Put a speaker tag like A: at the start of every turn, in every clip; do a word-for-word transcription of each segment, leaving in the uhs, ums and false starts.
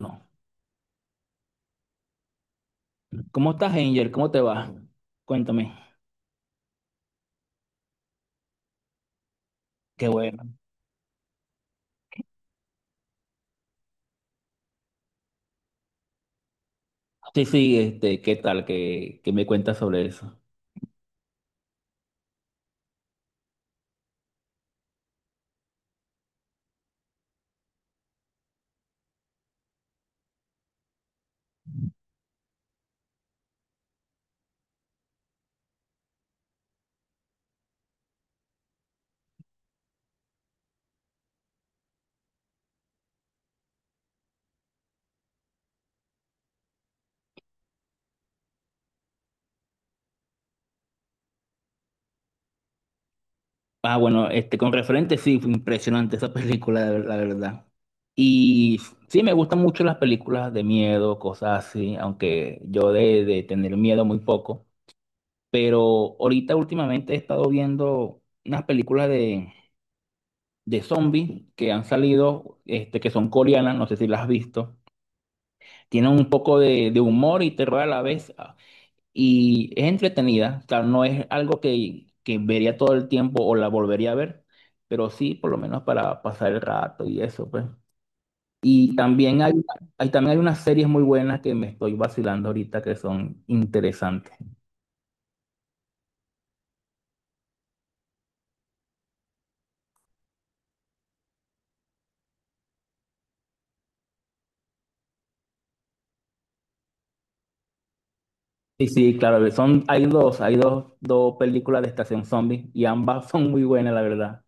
A: No. ¿Cómo estás, Angel? ¿Cómo te va? Cuéntame. Qué bueno. Sí, sí, este, ¿qué tal? ¿Qué, qué me cuentas sobre eso? Ah, bueno, este, con referente, sí, fue impresionante esa película, de ver- la verdad. Y sí, me gustan mucho las películas de miedo, cosas así, aunque yo de, de tener miedo muy poco. Pero ahorita últimamente he estado viendo unas películas de, de zombies que han salido, este, que son coreanas, no sé si las has visto. Tienen un poco de, de humor y terror a la vez. Ah, y es entretenida. Claro, no es algo que, que vería todo el tiempo o la volvería a ver, pero sí, por lo menos para pasar el rato y eso, pues. Y también hay, hay- también hay unas series muy buenas que me estoy vacilando ahorita que son interesantes. Sí, sí, claro, son, hay dos, hay dos, dos películas de Estación Zombie y ambas son muy buenas, la verdad.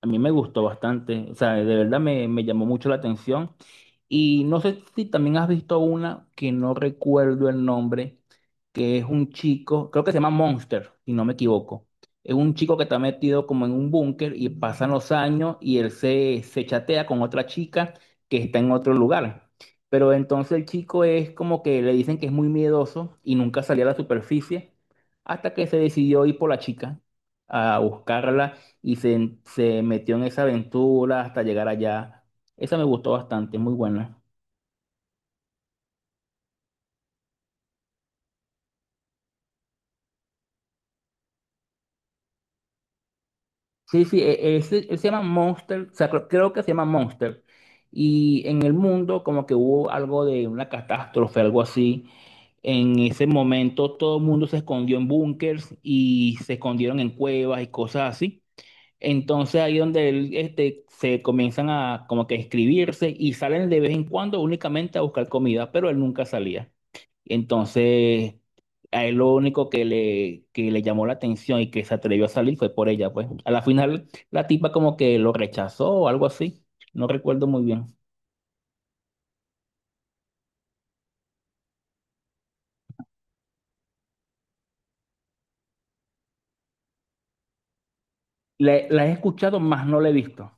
A: A mí me gustó bastante, o sea, de verdad me, me llamó mucho la atención. Y no sé si también has visto una que no recuerdo el nombre, que es un chico, creo que se llama Monster, si no me equivoco. Es un chico que está metido como en un búnker y pasan los años y él se, se chatea con otra chica que está en otro lugar. Pero entonces el chico es como que le dicen que es muy miedoso y nunca salía a la superficie hasta que se decidió ir por la chica a buscarla y se, se metió en esa aventura hasta llegar allá. Esa me gustó bastante, muy buena. Sí, sí, e- ese- él, se llama Monster, o sea, creo, creo que se llama Monster. Y en el mundo como que hubo algo de una catástrofe, algo así. En ese momento todo el mundo se escondió en búnkers y se escondieron en cuevas y cosas así. Entonces ahí donde él, este, se comienzan a como que escribirse y salen de vez en cuando únicamente a buscar comida, pero él nunca salía. Entonces, a él lo único que le, que le llamó la atención y que se atrevió a salir fue por ella, pues. A la final, la tipa como que lo rechazó o algo así. No recuerdo muy bien. Le- la he escuchado, más no la he visto.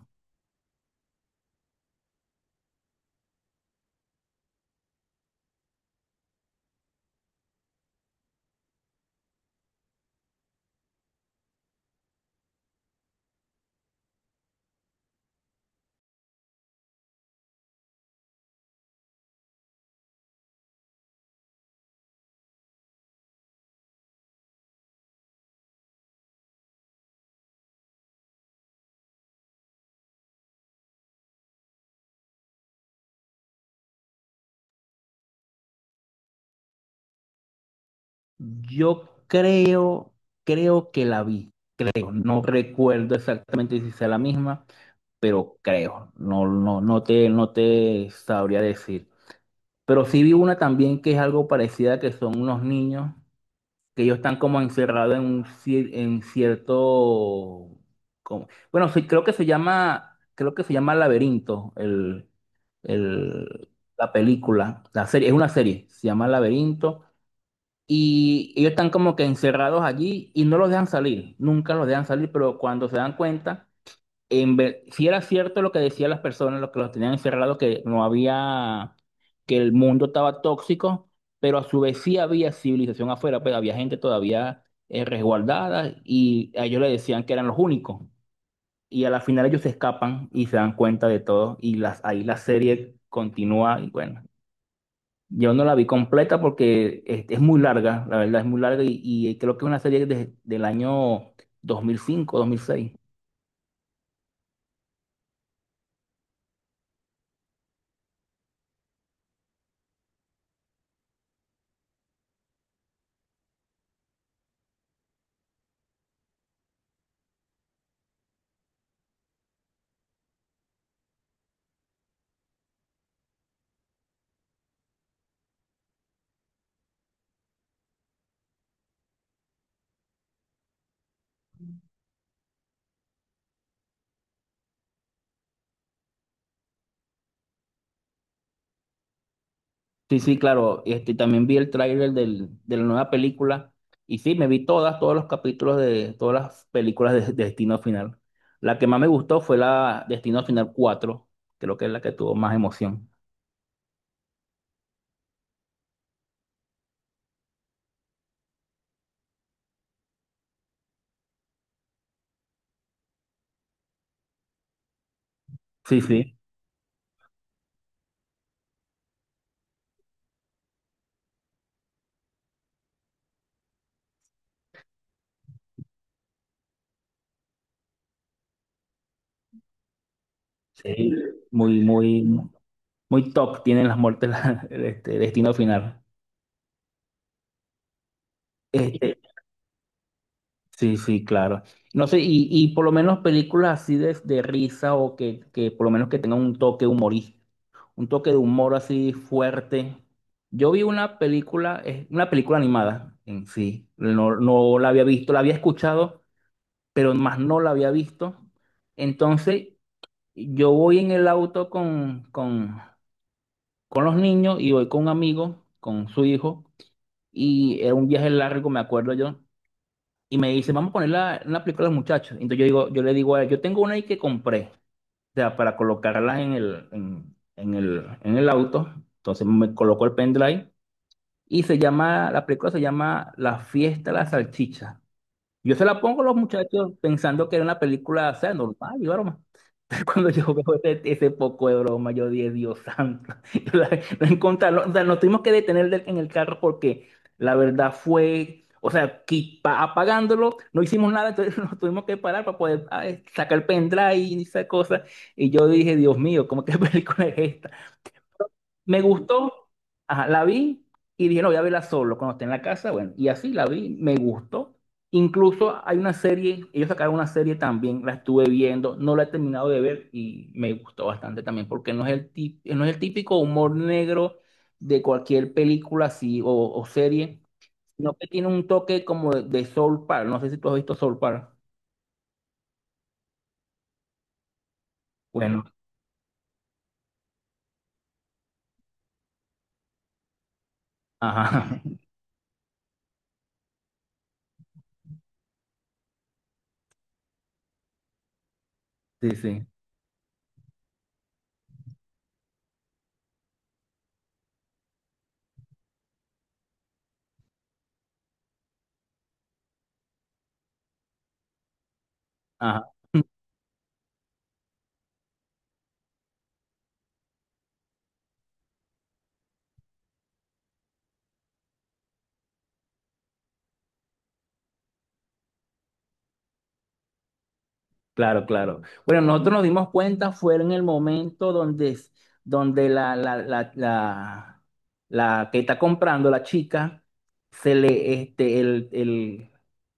A: Yo creo, creo que la vi. Creo, no recuerdo exactamente si sea la misma, pero creo. No, no, no te, no te sabría decir. Pero sí vi una también que es algo parecida, que son unos niños que ellos están como encerrados en un cier- en cierto, como- bueno, sí, creo que se llama, creo que se llama Laberinto, el, el- la película, la serie, es una serie, se llama Laberinto, y ellos están como que encerrados allí y no los dejan salir, nunca los dejan salir, pero cuando se dan cuenta en ver- si era cierto lo que decían las personas, lo que los tenían encerrados, que no había, que el mundo estaba tóxico, pero a su vez sí había civilización afuera, pero había gente todavía eh, resguardada y a ellos le decían que eran los únicos. Y a la final ellos se escapan y se dan cuenta de todo y las, ahí la serie continúa y bueno. Yo no la vi completa porque es, es muy larga, la verdad es muy larga y, y creo que es una serie de- del año dos dos mil cinco, dos mil seis. Sí, sí, claro. Este, también vi el tráiler del- de la nueva película y sí, me vi todas, todos los capítulos de todas las películas de, de Destino Final. La que más me gustó fue la Destino Final cuatro, creo que es la que tuvo más emoción. Sí, sí, sí, muy, muy, muy top tienen las muertes la- este, Destino Final. Este, sí, sí, claro. No sé, y, y por lo menos películas así de, de risa o que, que por lo menos que tengan un toque humorístico. Un toque de humor así fuerte. Yo vi una película, es una película animada en sí, no, no la había visto, la había escuchado, pero más no la había visto. Entonces, yo voy en el auto con, con, con los niños y voy con un amigo, con su hijo, y era un viaje largo, me acuerdo yo, y me dice, vamos a poner la, una película de los muchachos. Entonces yo digo, yo le digo a él, yo tengo una ahí que compré sea, para colocarlas en el, en, en el, en el auto. Entonces me colocó el pendrive y se llama, la película se llama La fiesta de la salchicha. Yo se la pongo a los muchachos pensando que era una película, o sea, normal y broma. Pero cuando yo veo ese, ese poco de broma, yo dije, Dios santo. Yo la- la encontré- no- o sea, nos tuvimos que detener del- en el carro porque la verdad fue, o sea, qui- pa- apagándolo, no hicimos nada, entonces nos tuvimos que parar para poder ah, eh, sacar el pendrive y esa cosa. Y yo dije, Dios mío, ¿cómo qué película es esta? Me gustó, ajá, la vi y dije, no, voy a verla solo cuando esté en la casa, bueno, y así la vi, me gustó. Incluso hay una serie, ellos sacaron una serie también, la estuve viendo, no la he terminado de ver y me gustó bastante también, porque no es el tip- no es el típico humor negro de cualquier película así o, o serie, sino que tiene un toque como de, de Soul Park, no sé si tú has visto Soul Park. Bueno, ajá, sí, sí, ajá. Claro, claro. Bueno, nosotros nos dimos cuenta fue en el momento donde, es- donde la, la, la, la, la que está comprando, la chica, se le, este, el, el,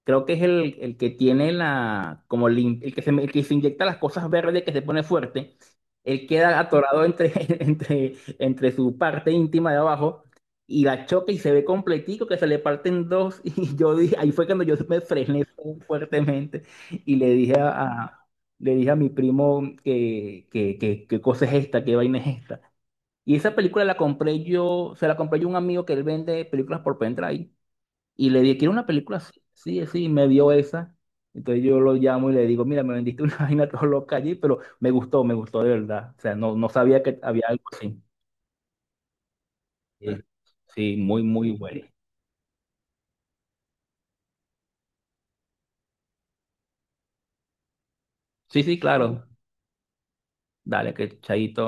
A: creo que es el, el que tiene la, como el, in- el que se, el que se inyecta las cosas verdes, que se pone fuerte, él queda atorado entre, entre, entre su parte íntima de abajo y la choca y se ve completico que se le parten dos y yo dije, ahí fue cuando yo me frené fuertemente. Y le dije a, a- le dije a mi primo que, que, que- qué cosa es esta, qué vaina es esta. Y esa película la compré yo, se la compré yo a un amigo que él vende películas por pendrive. Y le dije, quiero una película así, sí, así, y me dio esa. Entonces yo lo llamo y le digo, mira, me vendiste una vaina todo loca allí, pero me gustó, me gustó de verdad. O sea, no, no sabía que había algo así. Sí, sí, muy, muy bueno. Sí, sí, claro. Dale, que chaito.